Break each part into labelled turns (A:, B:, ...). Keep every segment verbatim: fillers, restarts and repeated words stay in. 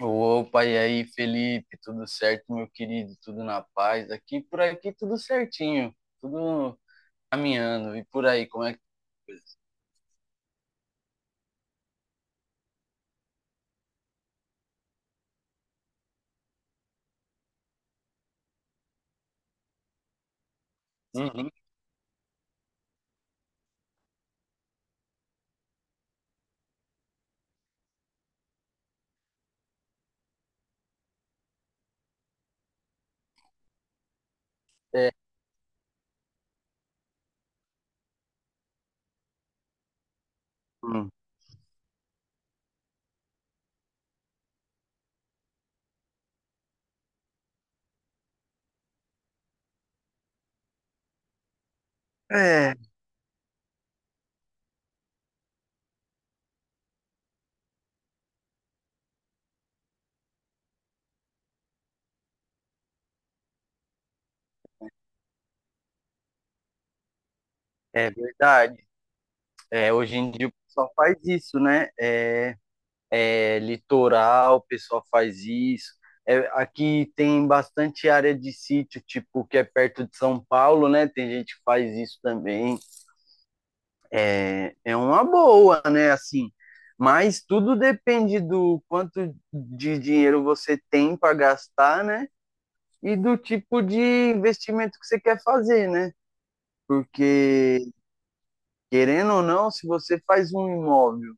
A: Opa, e aí, Felipe? Tudo certo, meu querido? Tudo na paz? Aqui por aqui tudo certinho, tudo caminhando. E por aí, como é que Uhum. É, hum. é, é verdade. É, hoje em dia o pessoal faz isso, né? É, é litoral, o pessoal faz isso. É, aqui tem bastante área de sítio, tipo, que é perto de São Paulo, né? Tem gente que faz isso também. É, é uma boa, né? Assim, mas tudo depende do quanto de dinheiro você tem para gastar, né? E do tipo de investimento que você quer fazer, né? Porque, querendo ou não, se você faz um imóvel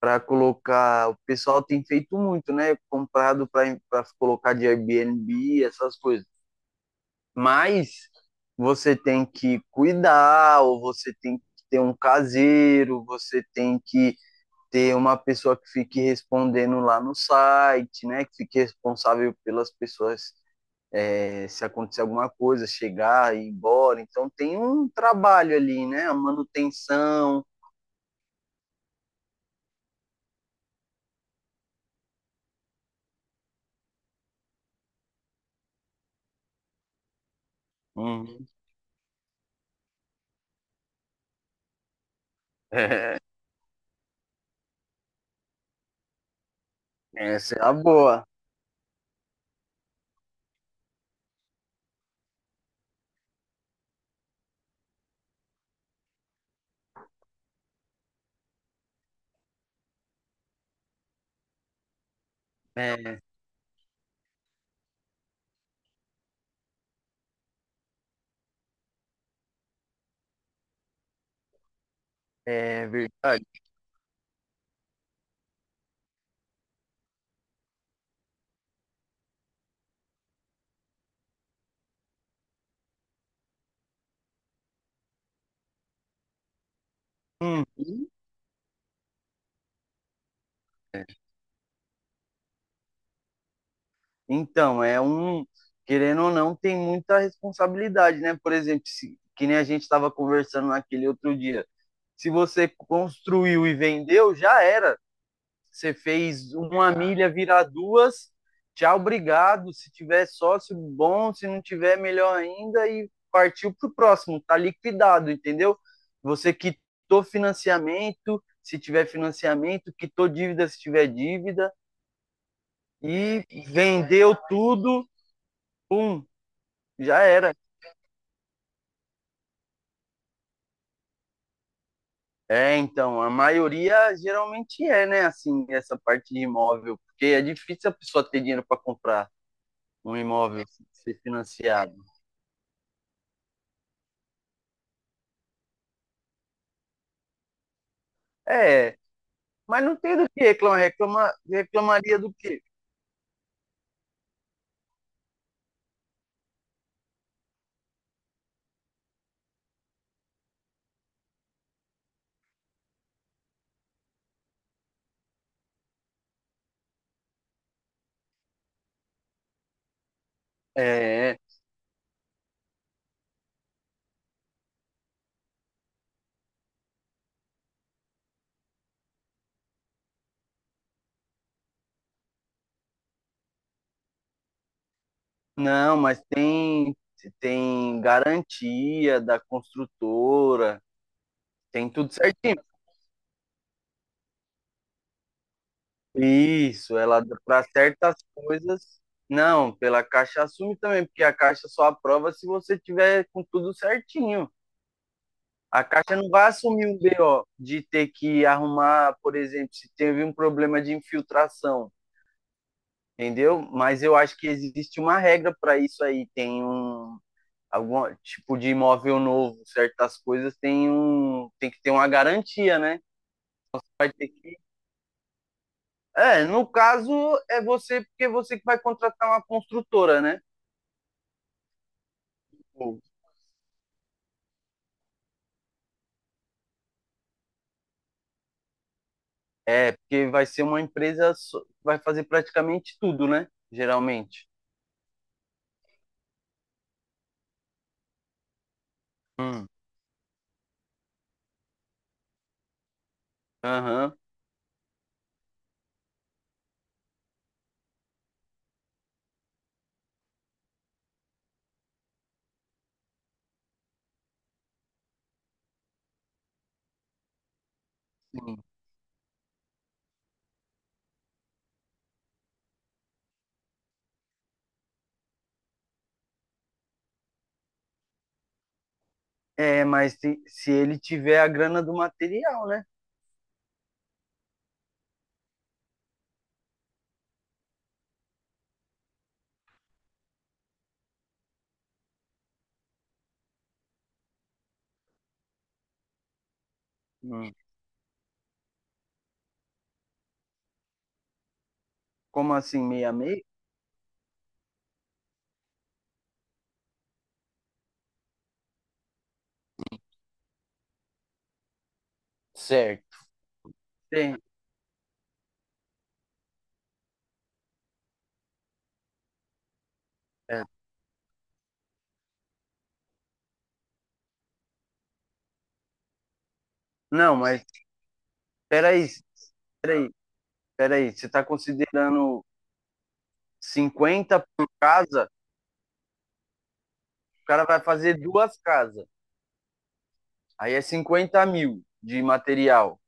A: para colocar, o pessoal tem feito muito, né? Comprado para para colocar de Airbnb, essas coisas. Mas você tem que cuidar, ou você tem que ter um caseiro, você tem que ter uma pessoa que fique respondendo lá no site, né? Que fique responsável pelas pessoas é, se acontecer alguma coisa, chegar e ir embora. Então tem um trabalho ali, né? A manutenção. Uhum. É, essa é a boa. É, é verdade. Uhum. É. Então, é um. Querendo ou não, tem muita responsabilidade, né? Por exemplo, se, que nem a gente estava conversando naquele outro dia. Se você construiu e vendeu, já era. Você fez uma milha virar duas, tchau, obrigado. Se tiver sócio, bom. Se não tiver, melhor ainda. E partiu para o próximo, tá liquidado, entendeu? Você quitou financiamento, se tiver financiamento, quitou dívida, se tiver dívida. E vendeu tudo, pum, já era. É, então, a maioria geralmente é, né, assim, essa parte de imóvel, porque é difícil a pessoa ter dinheiro para comprar um imóvel ser financiado. É, mas não tem do que reclamar. Reclama, reclamaria do quê? É, não, mas tem, tem garantia da construtora, tem tudo certinho. Isso, ela para certas coisas. Não, pela Caixa assume também, porque a Caixa só aprova se você tiver com tudo certinho. A Caixa não vai assumir um B O de ter que arrumar, por exemplo, se teve um problema de infiltração, entendeu? Mas eu acho que existe uma regra para isso aí, tem um, algum tipo de imóvel novo, certas coisas tem um tem que ter uma garantia, né? Vai ter que É, no caso é você porque é você que vai contratar uma construtora, né? Ou- É, porque vai ser uma empresa só- que vai fazer praticamente tudo, né? Geralmente. Hum. Aham. Sim. É, mas se, se ele tiver a grana do material, né? Hum. Como assim, meia meia? Certo. Tem. É. Não, mas peraí, peraí, peraí. Você está considerando cinquenta por casa, o cara vai fazer duas casas. Aí é cinquenta mil de material,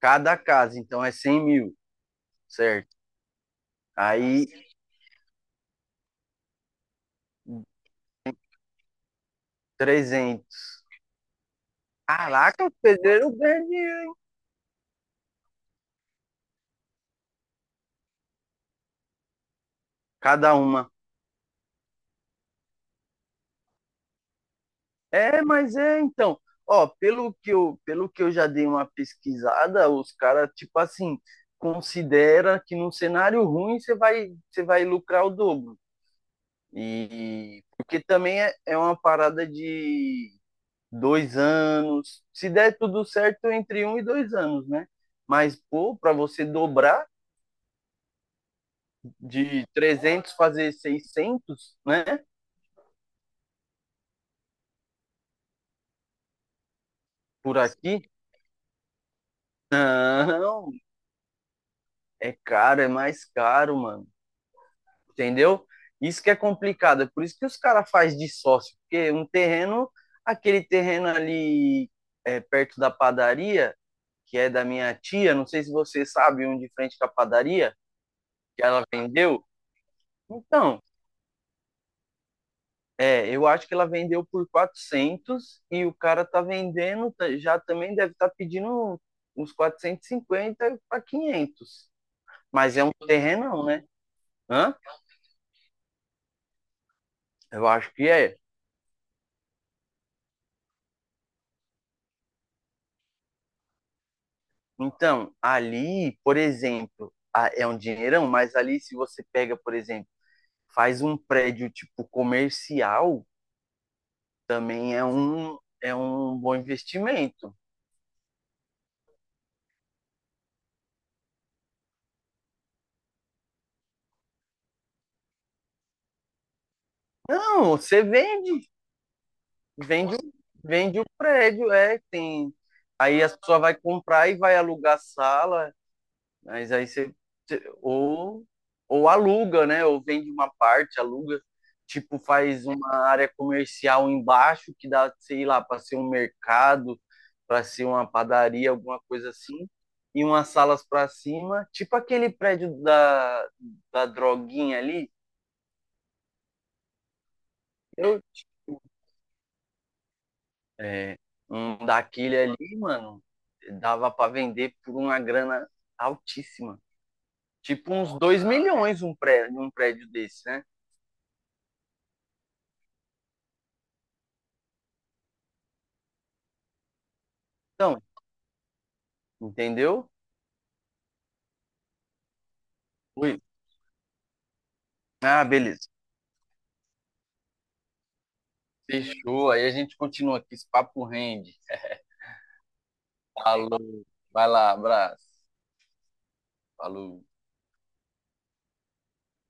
A: cada casa, então é cem mil, certo? Aí trezentos. Caraca, o pedreiro ganha dinheiro, cada uma. É, mas é, então. Ó, pelo que eu, pelo que eu já dei uma pesquisada, os caras, tipo assim, considera que num cenário ruim você vai, você vai lucrar o dobro. E porque também é, é uma parada de dois anos. Se der tudo certo, entre um e dois anos, né? Mas, pô, para você dobrar de trezentos fazer seiscentos né? Por aqui, não, é caro, é mais caro, mano. Entendeu? Isso que é complicado. É por isso que os caras fazem de sócio. Porque um terreno, aquele terreno ali é, perto da padaria, que é da minha tia, não sei se você sabe, um de frente com a padaria, que ela vendeu. Então, é, eu acho que ela vendeu por quatrocentos e o cara tá vendendo, tá- já também deve estar pedindo uns quatrocentos e cinquenta para quinhentos. Mas é um terrenão, né? Hã? Eu acho que é. Então, ali, por exemplo, a- é um dinheirão, mas ali se você pega, por exemplo, faz um prédio tipo comercial, também é um, é um bom investimento. Não, você vende Vende, o- vende o prédio, é, tem. Aí a pessoa vai comprar e vai alugar a sala, mas aí você, você- ou ou aluga, né? Ou vende uma parte, aluga, tipo faz uma área comercial embaixo que dá, sei lá, para ser um mercado, para ser uma padaria, alguma coisa assim, e umas salas para cima, tipo aquele prédio da da droguinha ali. Eu tipo, é, um daquele ali, mano, dava pra vender por uma grana altíssima. Tipo uns dois milhões um prédio, um prédio desse, né? Então, entendeu? Ui. Ah, beleza. Fechou. Aí a gente continua aqui. Esse papo rende. Falou. Vai lá, abraço. Falou.